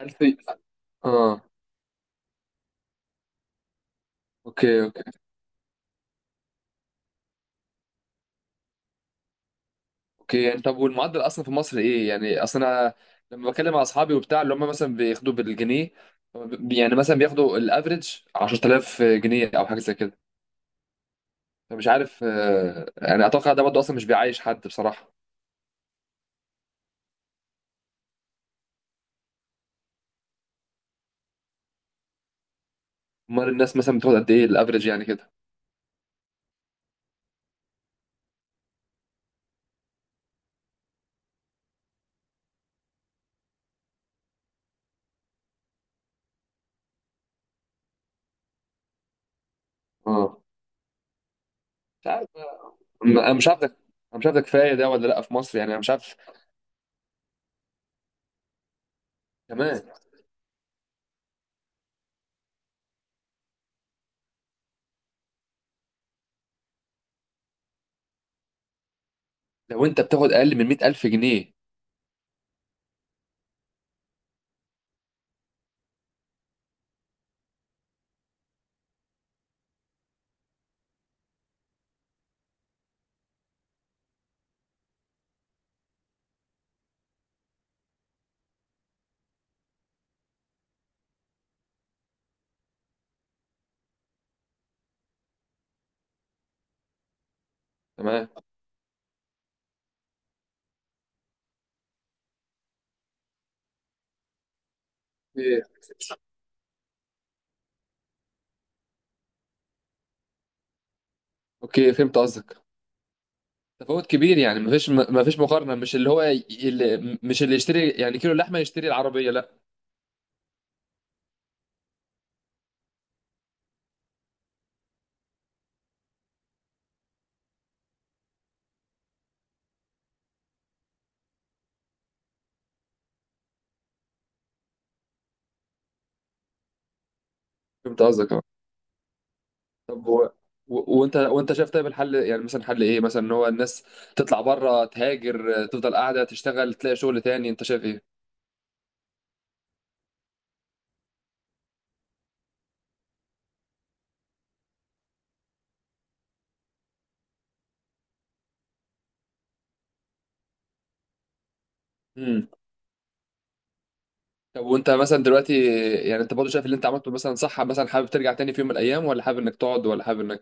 ألفي. اه. اوكي اوكي اوكي. يعني طب، والمعدل اصلا في مصر ايه؟ يعني اصلا انا لما بكلم مع اصحابي وبتاع، اللي هم مثلا بياخدوا بالجنيه، يعني مثلا بياخدوا الافريج 10,000 جنيه او حاجه زي كده. فمش عارف يعني اتوقع ده برضه اصلا مش بيعيش حد بصراحه. امال الناس مثلا بتاخد قد ايه الافريج يعني كده؟ اه مش عارف بقى. انا مش عارف ده. انا مش عارف ده كفايه ده ولا لا في مصر، يعني انا مش عارف. كمان لو انت بتاخد اقل من 100,000 جنيه؟ تمام. اوكي اوكي، فهمت قصدك. تفاوت كبير، يعني مفيش، مفيش مقارنه، مش اللي هو اللي، مش اللي يشتري يعني كيلو لحمه يشتري العربيه، لا. فهمت قصدك، اه. طب وانت، وانت شايف طيب الحل، يعني مثلا حل ايه مثلا، ان هو الناس تطلع بره تهاجر، تفضل قاعده تشتغل، تلاقي شغل تاني؟ انت شايف ايه؟ امم طب، وانت مثلا دلوقتي، يعني انت برضه شايف اللي انت عملته مثلا صح؟ مثلا حابب ترجع تاني في يوم من الايام، ولا حابب انك تقعد، ولا حابب انك،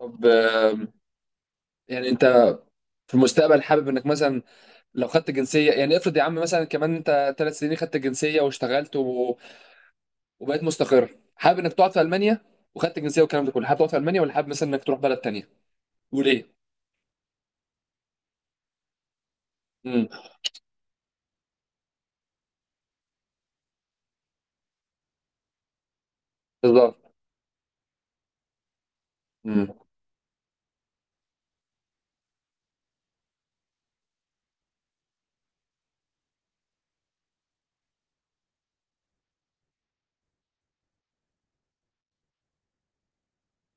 طب يعني انت في المستقبل حابب انك مثلا، لو خدت جنسيه، يعني افرض يا عم مثلا كمان انت ثلاث سنين خدت جنسيه واشتغلت وبقيت مستقر، حابب انك تقعد في المانيا وخدت الجنسيه والكلام ده كله، حابب تقعد في المانيا ولا حابب مثلا انك تروح بلد تانية؟ وليه؟ امم. بالظبط. امم.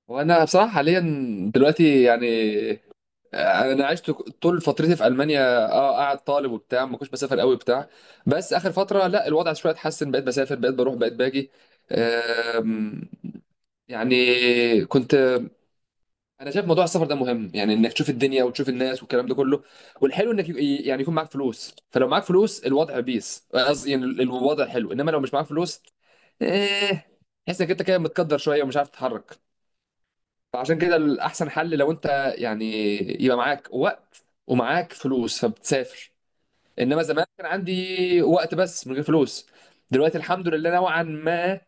وانا بصراحه حاليا دلوقتي يعني، انا عشت طول فترتي في المانيا. اه قاعد طالب وبتاع، ما كنتش بسافر قوي بتاع بس اخر فتره لا، الوضع شويه اتحسن، بقيت بسافر، بقيت بروح، بقيت باجي. آم، يعني كنت، انا شايف موضوع السفر ده مهم، يعني انك تشوف الدنيا وتشوف الناس والكلام ده كله. والحلو انك يعني يكون معاك فلوس. فلو معاك فلوس، الوضع بيس، قصدي يعني الوضع حلو. انما لو مش معاك فلوس، ايه، تحس انك انت كده متقدر شويه ومش عارف تتحرك. فعشان كده الاحسن حل لو انت يعني يبقى معاك وقت ومعاك فلوس، فبتسافر. انما زمان كان عندي وقت بس من غير فلوس. دلوقتي الحمد لله، نوعا ما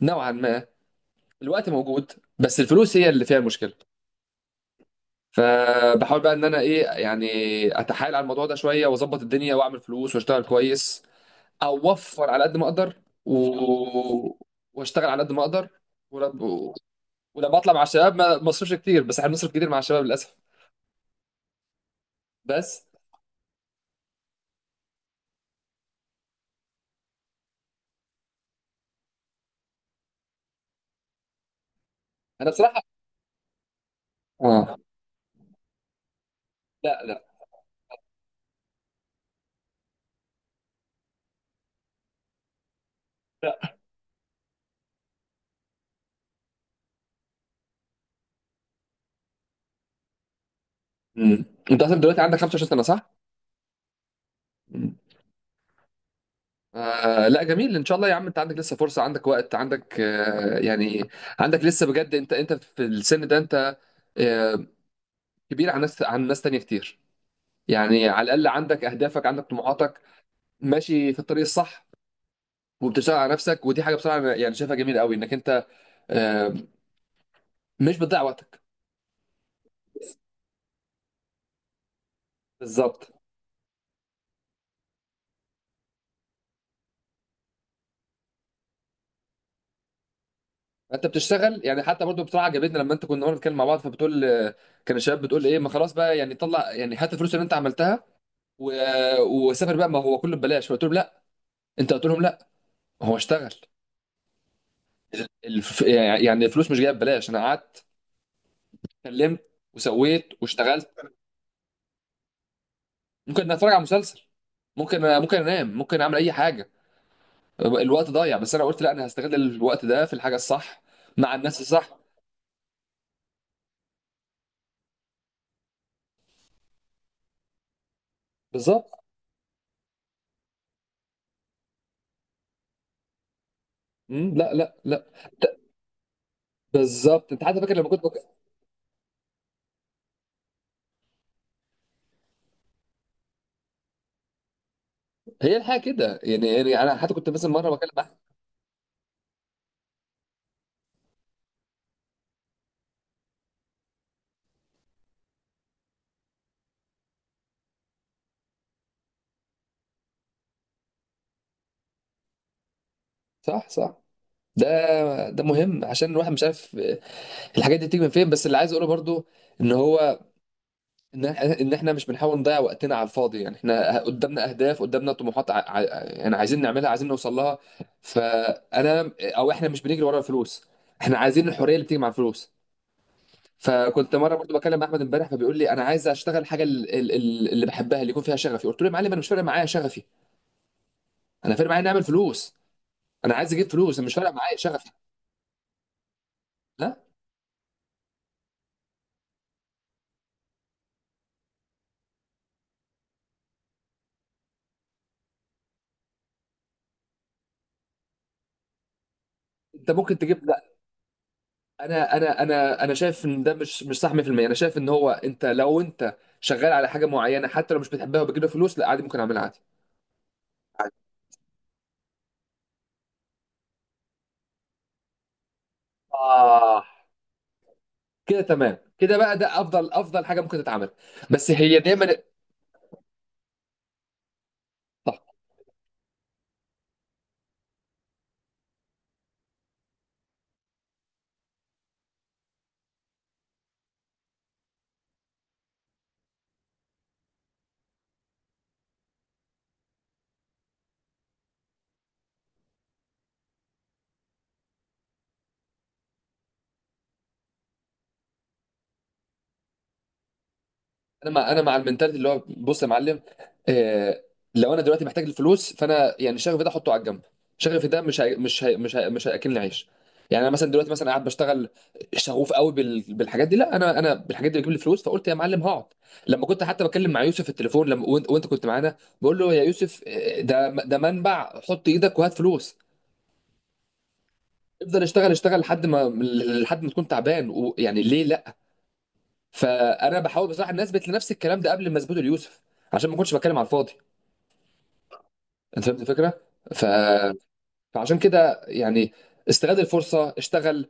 نوعا ما الوقت موجود، بس الفلوس هي اللي فيها المشكله. فبحاول بقى ان انا ايه يعني، اتحايل على الموضوع ده شويه، واظبط الدنيا واعمل فلوس واشتغل كويس. اوفر على قد ما اقدر واشتغل على قد ما اقدر. ولما ولما اطلع مع الشباب ما اصرفش كتير، بس احنا بنصرف كتير مع الشباب للاسف. بس انا بصراحه، اه. لا، لا، لا. مم. انت اصلا دلوقتي عندك 25 سنه، صح؟ مم. آه لا جميل، ان شاء الله يا عم. انت عندك لسه فرصه، عندك وقت، عندك آه يعني، عندك لسه بجد. انت في السن ده انت آه كبير عن ناس، عن ناس تانيه كتير. يعني على الاقل عندك اهدافك، عندك طموحاتك، ماشي في الطريق الصح، وبتشتغل على نفسك. ودي حاجه بصراحه أنا يعني شايفها جميله قوي، انك انت آه، مش بتضيع وقتك. بالظبط. انت بتشتغل، يعني حتى برضو بصراحه عجبتني لما انت، كنا النهارده بنتكلم مع بعض فبتقول كان الشباب بتقول ايه، ما خلاص بقى يعني طلع، يعني حتى الفلوس اللي انت عملتها وسافر بقى، ما هو كله ببلاش. فقلت لهم لا. انت قلت لهم لا، هو اشتغل. يعني يعني الفلوس مش جايه ببلاش. انا قعدت، اتكلمت، وسويت، واشتغلت. ممكن اتفرج على مسلسل، ممكن انام، ممكن اعمل اي حاجه، الوقت ضايع. بس انا قلت لا، انا هستغل الوقت ده في الحاجه الصح، مع الناس الصح. بالظبط. مم، لا، لا، لا. ت- بالظبط. انت حتى فاكر لما كنت هي الحاجه كده يعني، يعني انا حتى كنت مثلا مره بكلم احمد. صح، صح. ده ده مهم عشان الواحد مش عارف الحاجات دي بتيجي من فين. بس اللي عايز اقوله برضو ان هو، ان احنا، إن إحنا مش بنحاول نضيع وقتنا على الفاضي. يعني احنا قدامنا اهداف، قدامنا طموحات، يعني عايزين نعملها، عايزين نوصل لها. فانا او احنا مش بنجري ورا الفلوس، احنا عايزين الحريه اللي بتيجي مع الفلوس. فكنت مره برضو بكلم احمد امبارح، فبيقول لي انا عايز اشتغل حاجه اللي بحبها، اللي يكون فيها شغفي. قلت له يا معلم، انا مش فارق معايا شغفي، انا فارق معايا نعمل فلوس. انا عايز اجيب فلوس، انا مش فارق معايا شغفي. لا انت ممكن تجيب، لا. انا شايف ان ده مش مش صح 100%. انا شايف ان هو، انت لو انت شغال على حاجه معينه حتى لو مش بتحبها وبتجيب لها فلوس، لا عادي ممكن اعملها عادي. آه كده تمام، كده بقى ده افضل، افضل حاجه ممكن تتعمل. بس هي دايما، انا مع، انا مع المنتاليتي اللي هو بص يا معلم، آه، لو انا دلوقتي محتاج الفلوس، فانا يعني شغفي ده احطه على جنب. شغفي ده مش هياكلني عيش. يعني انا مثلا دلوقتي مثلا قاعد بشتغل شغوف قوي بالحاجات دي، لا انا، انا بالحاجات دي بتجيب لي فلوس. فقلت يا معلم هقعد. لما كنت حتى بتكلم مع يوسف في التليفون لما وانت كنت معانا، بقول له يا يوسف، ده ده منبع، حط ايدك وهات فلوس. افضل اشتغل، اشتغل لحد ما تكون تعبان، ويعني ليه لا. فانا بحاول بصراحه ان اثبت لنفسي الكلام ده قبل ما اثبته ليوسف، عشان ما اكونش بتكلم على الفاضي. انت فهمت الفكره؟ ف... فعشان كده يعني، استغل الفرصه، اشتغل،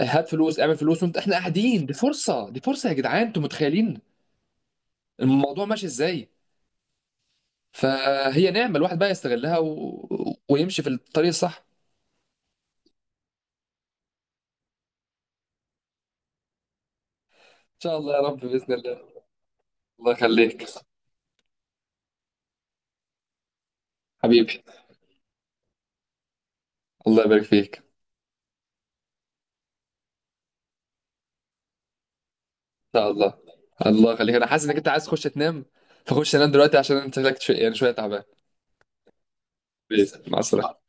هات فلوس، اعمل فلوس وانت، احنا قاعدين. دي فرصه، دي فرصه يا جدعان، انتوا متخيلين الموضوع ماشي ازاي. فهي نعمه الواحد بقى يستغلها ويمشي في الطريق الصح. ان شاء الله يا رب، باذن الله. الله يخليك. حبيبي. الله يبارك فيك، ان شاء الله. الله يخليك. انا حاسس انك انت عايز تخش تنام، فخش تنام دلوقتي، عشان انت شكلك يعني شويه تعبان. باذن الله، مع السلامه.